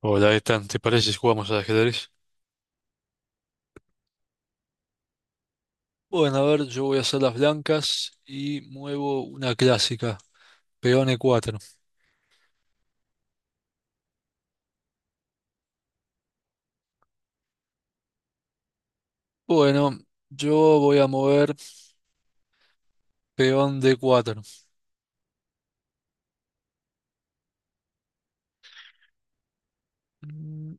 Hola, Ethan, ¿te parece si jugamos al ajedrez? Bueno, a ver, yo voy a hacer las blancas y muevo una clásica, peón e cuatro. Bueno, yo voy a mover peón d cuatro. Mm,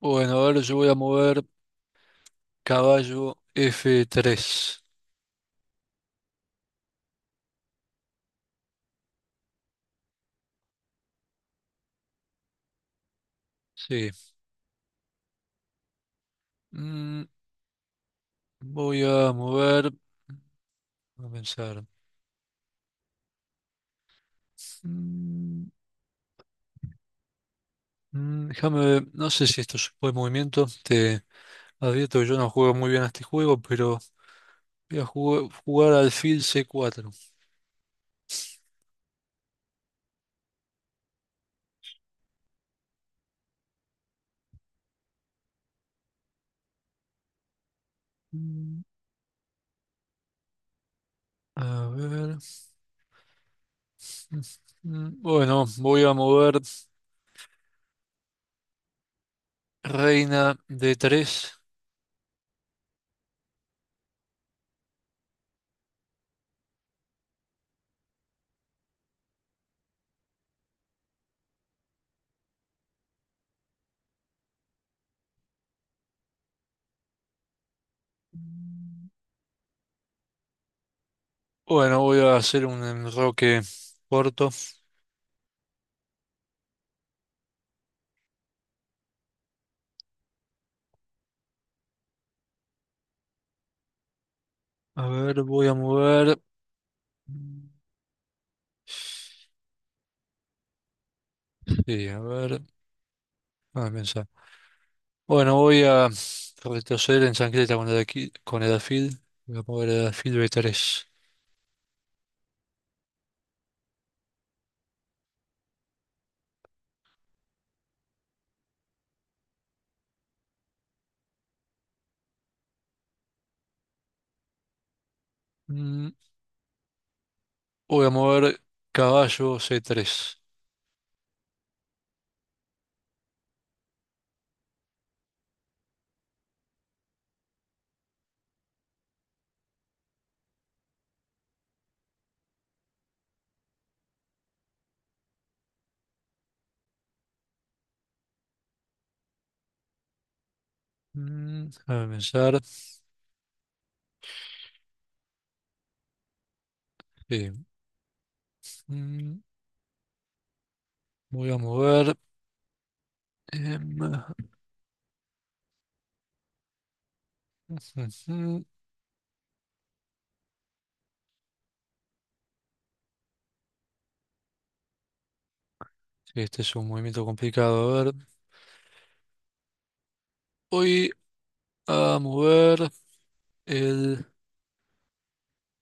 Bueno, a ver, yo voy a mover caballo f tres. Sí. Mm, voy a mover, a pensar. Mm, déjame ver, no sé si esto es buen movimiento, te advierto que yo no juego muy bien a este juego, pero voy a jugar alfil c cuatro. Mm, A ver. Bueno, voy a mover reina de tres. Bueno, voy a hacer un enroque corto. A ver, voy a mover. Mm, sí, a ver, a pensar. Bueno, voy a retroceder en chancleta con el alfil. Voy a mover el alfil B3. Mm, Voy a mover caballo c tres. A pensar. Sí. Mm, Voy a mover. em, Ujú. Este es un movimiento complicado. A ver, voy a mover el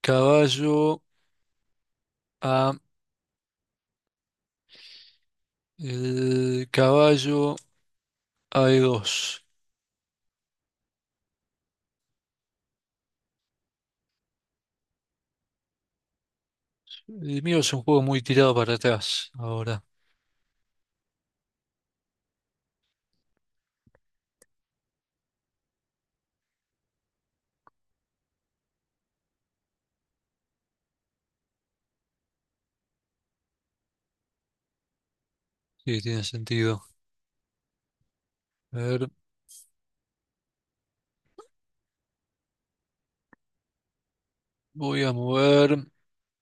caballo a el caballo a E2. El mío es un juego muy tirado para atrás ahora. Sí, tiene sentido. A ver, voy a mover.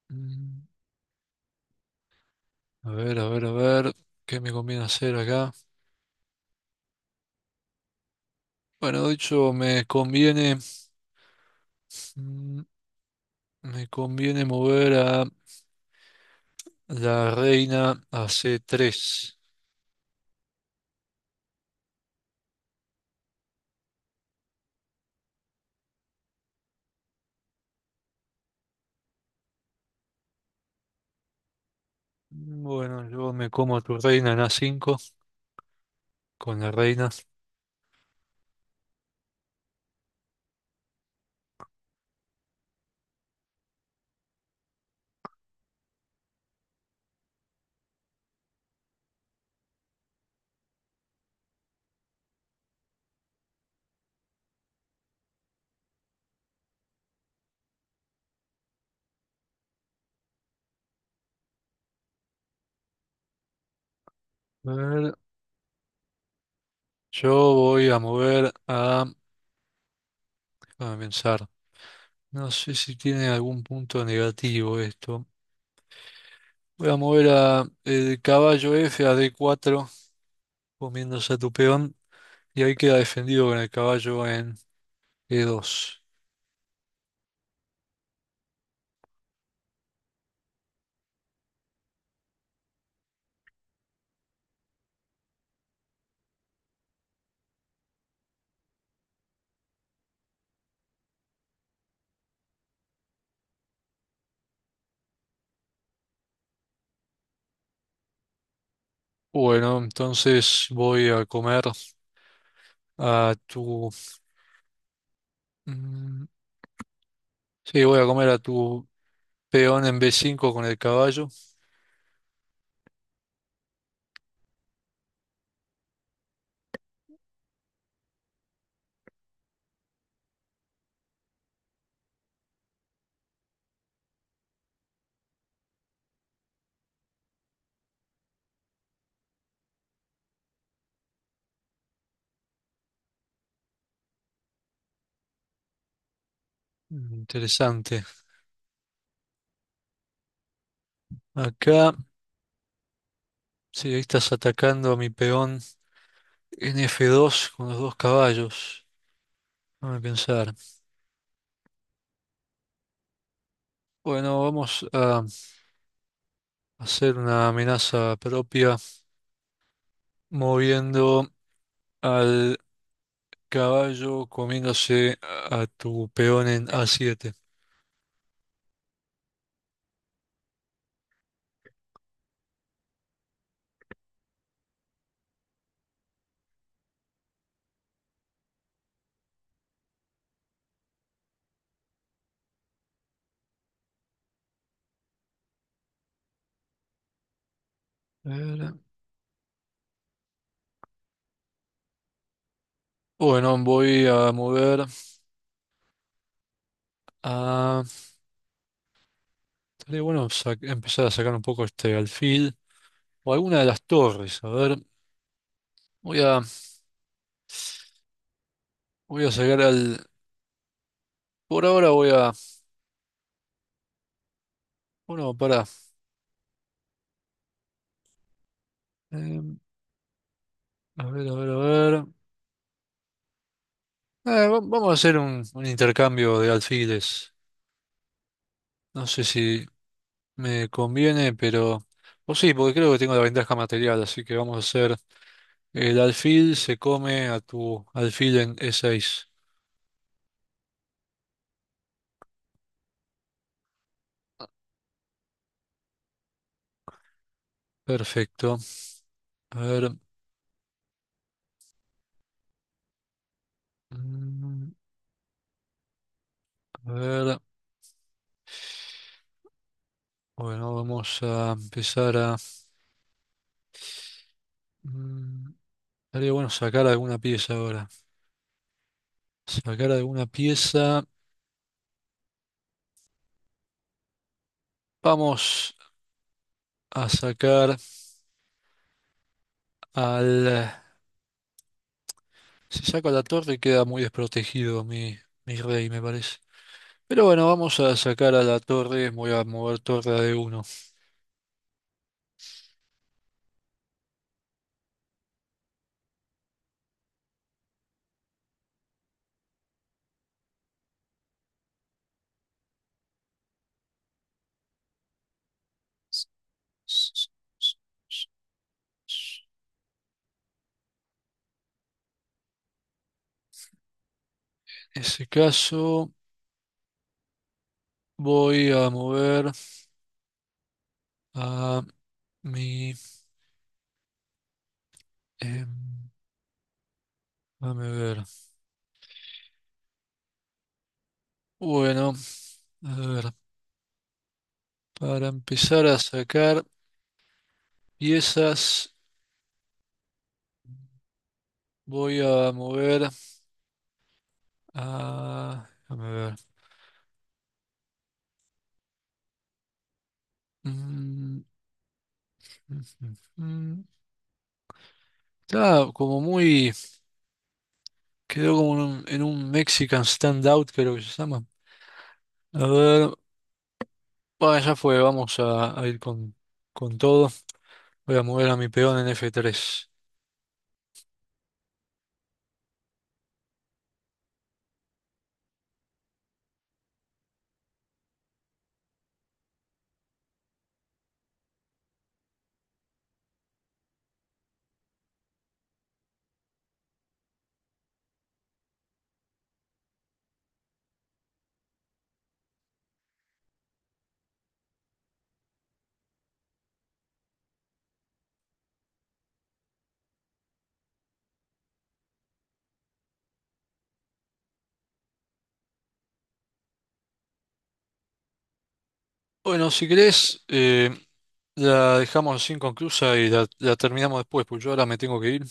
mm, A ver, a ver, a ver. ¿Qué me conviene hacer acá? Bueno, de hecho, me conviene. mm, Me conviene mover a la reina a c tres. Bueno, yo me como a tu reina en A5 con la reina. A ver, yo voy a mover a... Déjame pensar. No sé si tiene algún punto negativo esto. Voy a mover a el caballo F a D4, comiéndose a tu peón. Y ahí queda defendido con el caballo en E2. Bueno, entonces voy a comer a tu... Mm, sí, voy a comer a tu peón en B5 con el caballo. Interesante. Acá. Sí, ahí estás atacando a mi peón en F2 con los dos caballos. Déjame pensar. Bueno, vamos a hacer una amenaza propia moviendo al caballo comiéndose a tu peón en A7. A ver. Bueno, voy a mover a... Estaría bueno empezar a sacar un poco este alfil o alguna de las torres. A ver, voy a, voy a sacar al... Por ahora voy a... Bueno, para. A ver, a ver, a ver. Vamos a hacer un intercambio de alfiles. No sé si me conviene, pero... O sí, porque creo que tengo la ventaja material, así que vamos a hacer... El alfil se come a tu alfil en E6. Perfecto. A ver... mm, A ver... Bueno, vamos a empezar a... mm, Estaría bueno sacar alguna pieza ahora. Sacar alguna pieza. Vamos a sacar al... Si saco la torre queda muy desprotegido mi rey, me parece. Pero bueno, vamos a sacar a la torre. Voy a mover torre a D1. En ese caso, voy a mover a mi... em, dame ver. Bueno, a ver, para empezar a sacar piezas, voy a mover a... Dame ver. Mm, mm, mm, mm. Está como muy... Quedó como en un Mexican standout, creo que se llama. A ver, bueno, ya fue, vamos a ir con todo. Voy a mover a mi peón en F3. Bueno, si querés, la dejamos así inconclusa y la terminamos después, pues yo ahora me tengo que ir.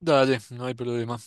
Dale, no hay problema.